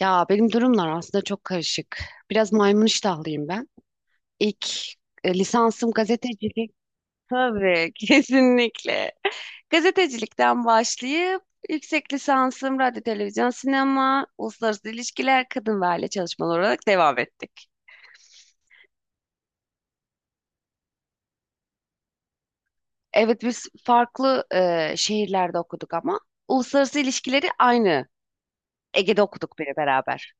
Ya benim durumlar aslında çok karışık. Biraz maymun iştahlıyım ben. İlk lisansım gazetecilik. Tabii, kesinlikle. Gazetecilikten başlayıp yüksek lisansım radyo, televizyon, sinema, uluslararası ilişkiler, kadın ve aile çalışmaları olarak devam ettik. Evet biz farklı şehirlerde okuduk ama uluslararası ilişkileri aynı. Ege'de okuduk biri beraber.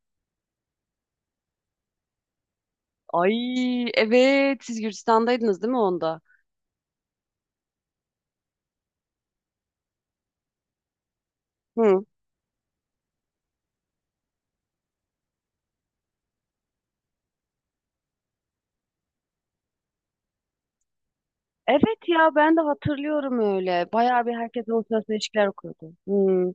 Ay evet siz Gürcistan'daydınız değil mi onda? Hı. Evet ya ben de hatırlıyorum öyle. Bayağı bir herkes uluslararası ilişkiler okuyordu. Hı,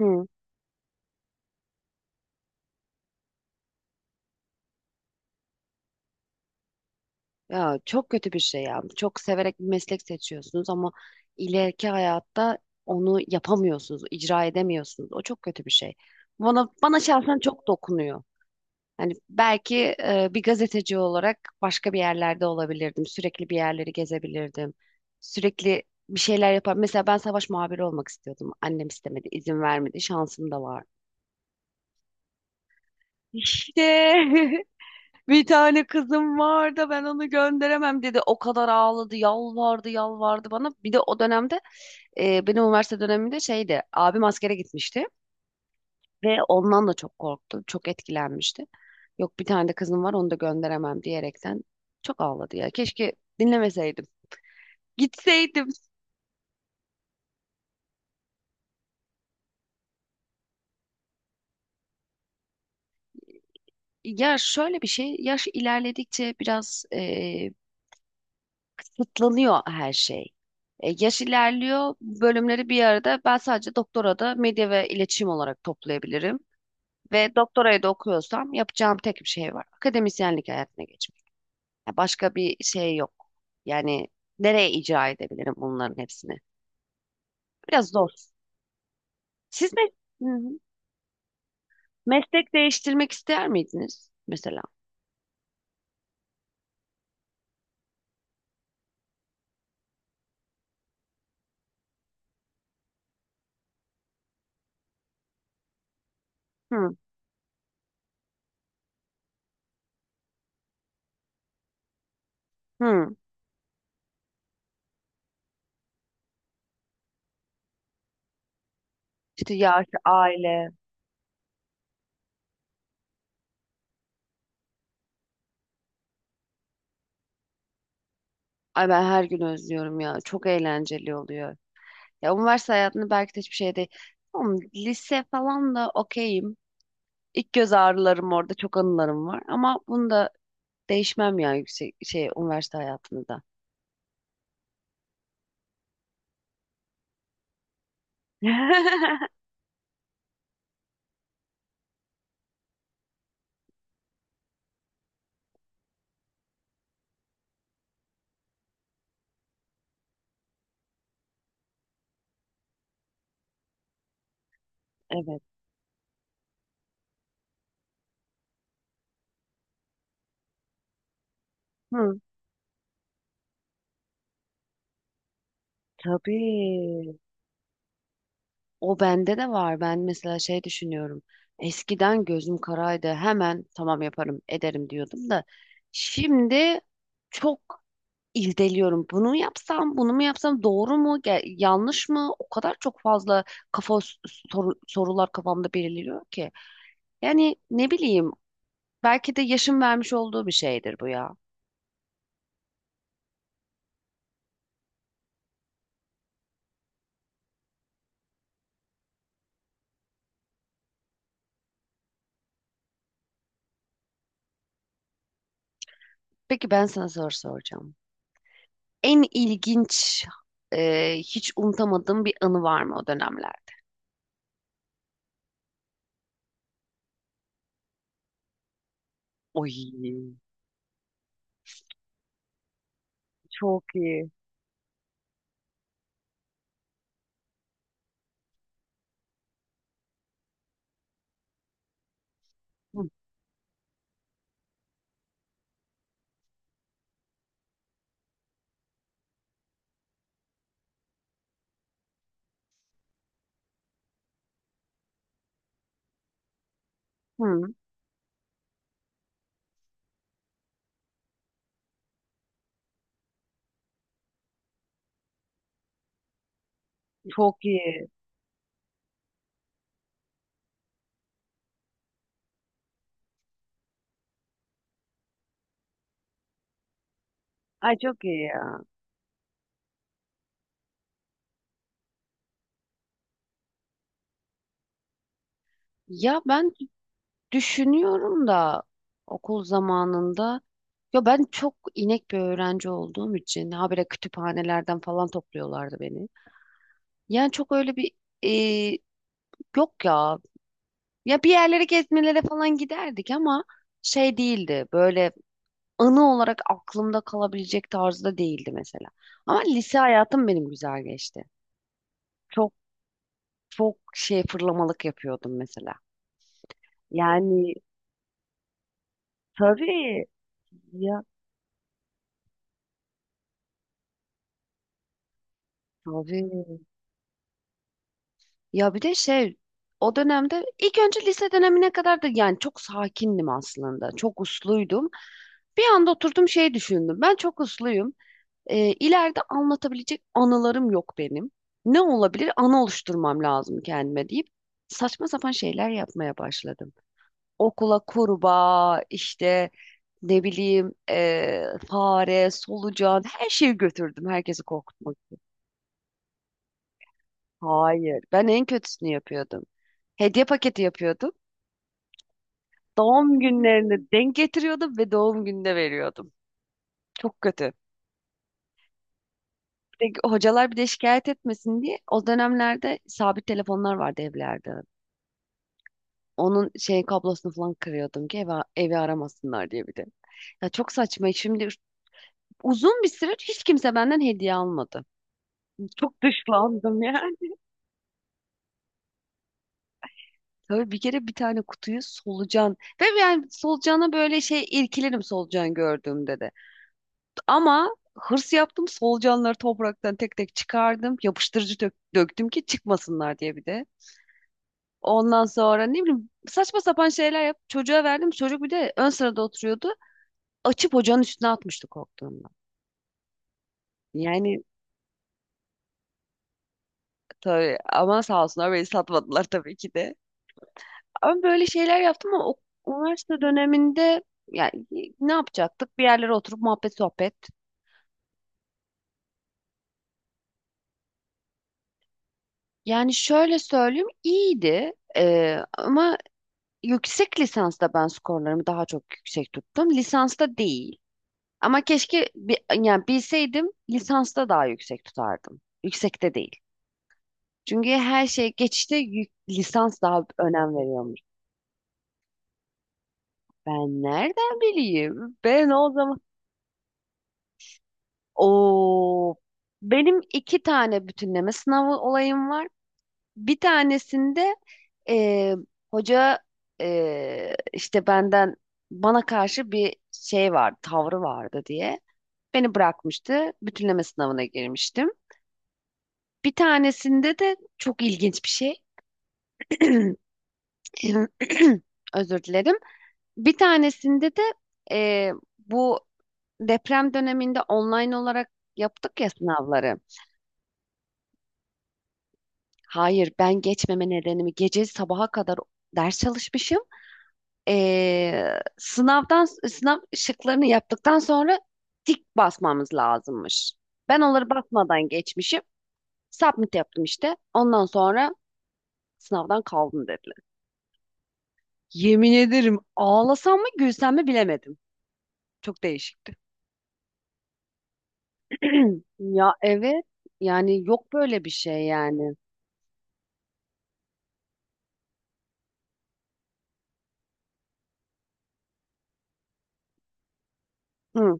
hı. Ya çok kötü bir şey ya. Çok severek bir meslek seçiyorsunuz ama ileriki hayatta onu yapamıyorsunuz, icra edemiyorsunuz. O çok kötü bir şey. Bana şahsen çok dokunuyor. Hani belki bir gazeteci olarak başka bir yerlerde olabilirdim. Sürekli bir yerleri gezebilirdim. Sürekli bir şeyler yapar. Mesela ben savaş muhabiri olmak istiyordum. Annem istemedi, izin vermedi. Şansım da vardı. İşte bir tane kızım var da ben onu gönderemem dedi. O kadar ağladı, yalvardı, yalvardı bana. Bir de o dönemde benim üniversite döneminde şeydi. Abim askere gitmişti ve ondan da çok korktu, çok etkilenmişti. Yok bir tane de kızım var onu da gönderemem diyerekten çok ağladı ya. Keşke dinlemeseydim. Gitseydim. Ya şöyle bir şey, yaş ilerledikçe biraz kısıtlanıyor her şey. Yaş ilerliyor, bölümleri bir arada ben sadece doktora da medya ve iletişim olarak toplayabilirim. Ve doktorayı da okuyorsam yapacağım tek bir şey var. Akademisyenlik hayatına geçmek. Ya başka bir şey yok. Yani nereye icra edebilirim bunların hepsini? Biraz zor. Siz me- Hı hı. Meslek değiştirmek ister miydiniz mesela? Hı hı. İşte yaş, aile. Ay ben her gün özlüyorum ya. Çok eğlenceli oluyor. Ya üniversite hayatında belki de hiçbir şey değil. Tamam, lise falan da okeyim. İlk göz ağrılarım orada çok anılarım var. Ama bunu da değişmem ya yüksek şey üniversite hayatında da. Evet. Hı, tabii. O bende de var. Ben mesela şey düşünüyorum. Eskiden gözüm karaydı. Hemen tamam yaparım, ederim diyordum da şimdi çok irdeliyorum. Bunu mu yapsam, bunu mu yapsam, doğru mu, yanlış mı? O kadar çok fazla kafa s- sorular kafamda belirliyor ki. Yani ne bileyim, belki de yaşım vermiş olduğu bir şeydir bu ya. Peki ben sana soru soracağım. En ilginç, hiç unutamadığım bir anı var mı o dönemler? Oy. Çok iyi. Hı, hı, çok iyi. Ay çok iyi ya. Ya ben düşünüyorum da okul zamanında ya ben çok inek bir öğrenci olduğum için habire kütüphanelerden falan topluyorlardı beni. Yani çok öyle bir e, yok ya. Ya bir yerlere gezmelere falan giderdik ama şey değildi. Böyle anı olarak aklımda kalabilecek tarzda değildi mesela. Ama lise hayatım benim güzel geçti. Çok çok şey fırlamalık yapıyordum mesela. Yani tabii ya tabii. Ya bir de şey o dönemde ilk önce lise dönemine kadar da yani çok sakindim aslında. Çok usluydum. Bir anda oturdum şey düşündüm. Ben çok usluyum. İleride anlatabilecek anılarım yok benim. Ne olabilir? Anı oluşturmam lazım kendime deyip saçma sapan şeyler yapmaya başladım. Okula kurbağa işte ne bileyim fare, solucan her şeyi götürdüm herkesi korkutmak. Hayır. Ben en kötüsünü yapıyordum. Hediye paketi yapıyordum. Doğum günlerini denk getiriyordum ve doğum gününe veriyordum. Çok kötü. Bir de hocalar bir de şikayet etmesin diye o dönemlerde sabit telefonlar vardı evlerde. Onun şey kablosunu falan kırıyordum ki evi aramasınlar diye bir de. Ya çok saçma. Şimdi uzun bir süre hiç kimse benden hediye almadı. Çok dışlandım yani. Tabii bir kere bir tane kutuyu solucan ve yani solucana böyle şey irkilirim solucan gördüğümde de. Ama hırs yaptım. Solucanları topraktan tek tek çıkardım. Yapıştırıcı döktüm ki çıkmasınlar diye bir de. Ondan sonra ne bileyim saçma sapan şeyler yap. Çocuğa verdim. Çocuk bir de ön sırada oturuyordu. Açıp ocağın üstüne atmıştı korktuğundan. Yani tabii ama sağ olsunlar beni satmadılar tabii ki de. Ama böyle şeyler yaptım ama o, üniversite döneminde yani ne yapacaktık? Bir yerlere oturup muhabbet sohbet. Yani şöyle söyleyeyim iyiydi. Ama yüksek lisansta ben skorlarımı daha çok yüksek tuttum. Lisansta değil. Ama keşke yani bilseydim lisansta daha yüksek tutardım. Yüksekte değil. Çünkü her şey geçişte lisans daha önem veriyormuş. Ben nereden bileyim? Ben o zaman... Oo, benim iki tane bütünleme sınavı olayım var. Bir tanesinde e, hoca işte benden bana karşı bir şey vardı, tavrı vardı diye. Beni bırakmıştı. Bütünleme sınavına girmiştim. Bir tanesinde de çok ilginç bir şey. Özür dilerim. Bir tanesinde de e, bu deprem döneminde online olarak yaptık ya sınavları. Hayır, ben geçmeme nedenimi gece sabaha kadar ders çalışmışım. Sınavdan şıklarını yaptıktan sonra tik basmamız lazımmış. Ben onları basmadan geçmişim. Submit yaptım işte. Ondan sonra sınavdan kaldın dediler. Yemin ederim ağlasam mı gülsem mi bilemedim. Çok değişikti. Ya evet yani yok böyle bir şey yani. Hı,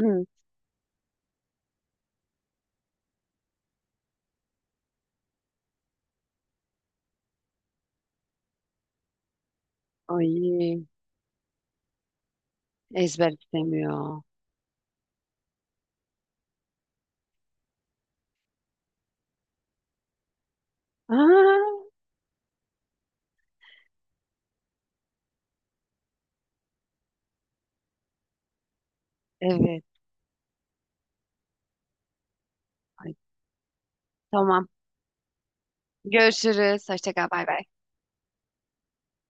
hı. Ay ezber istemiyor. Aa, evet. Ay, tamam. Görüşürüz. Hoşça kal. Bay bay.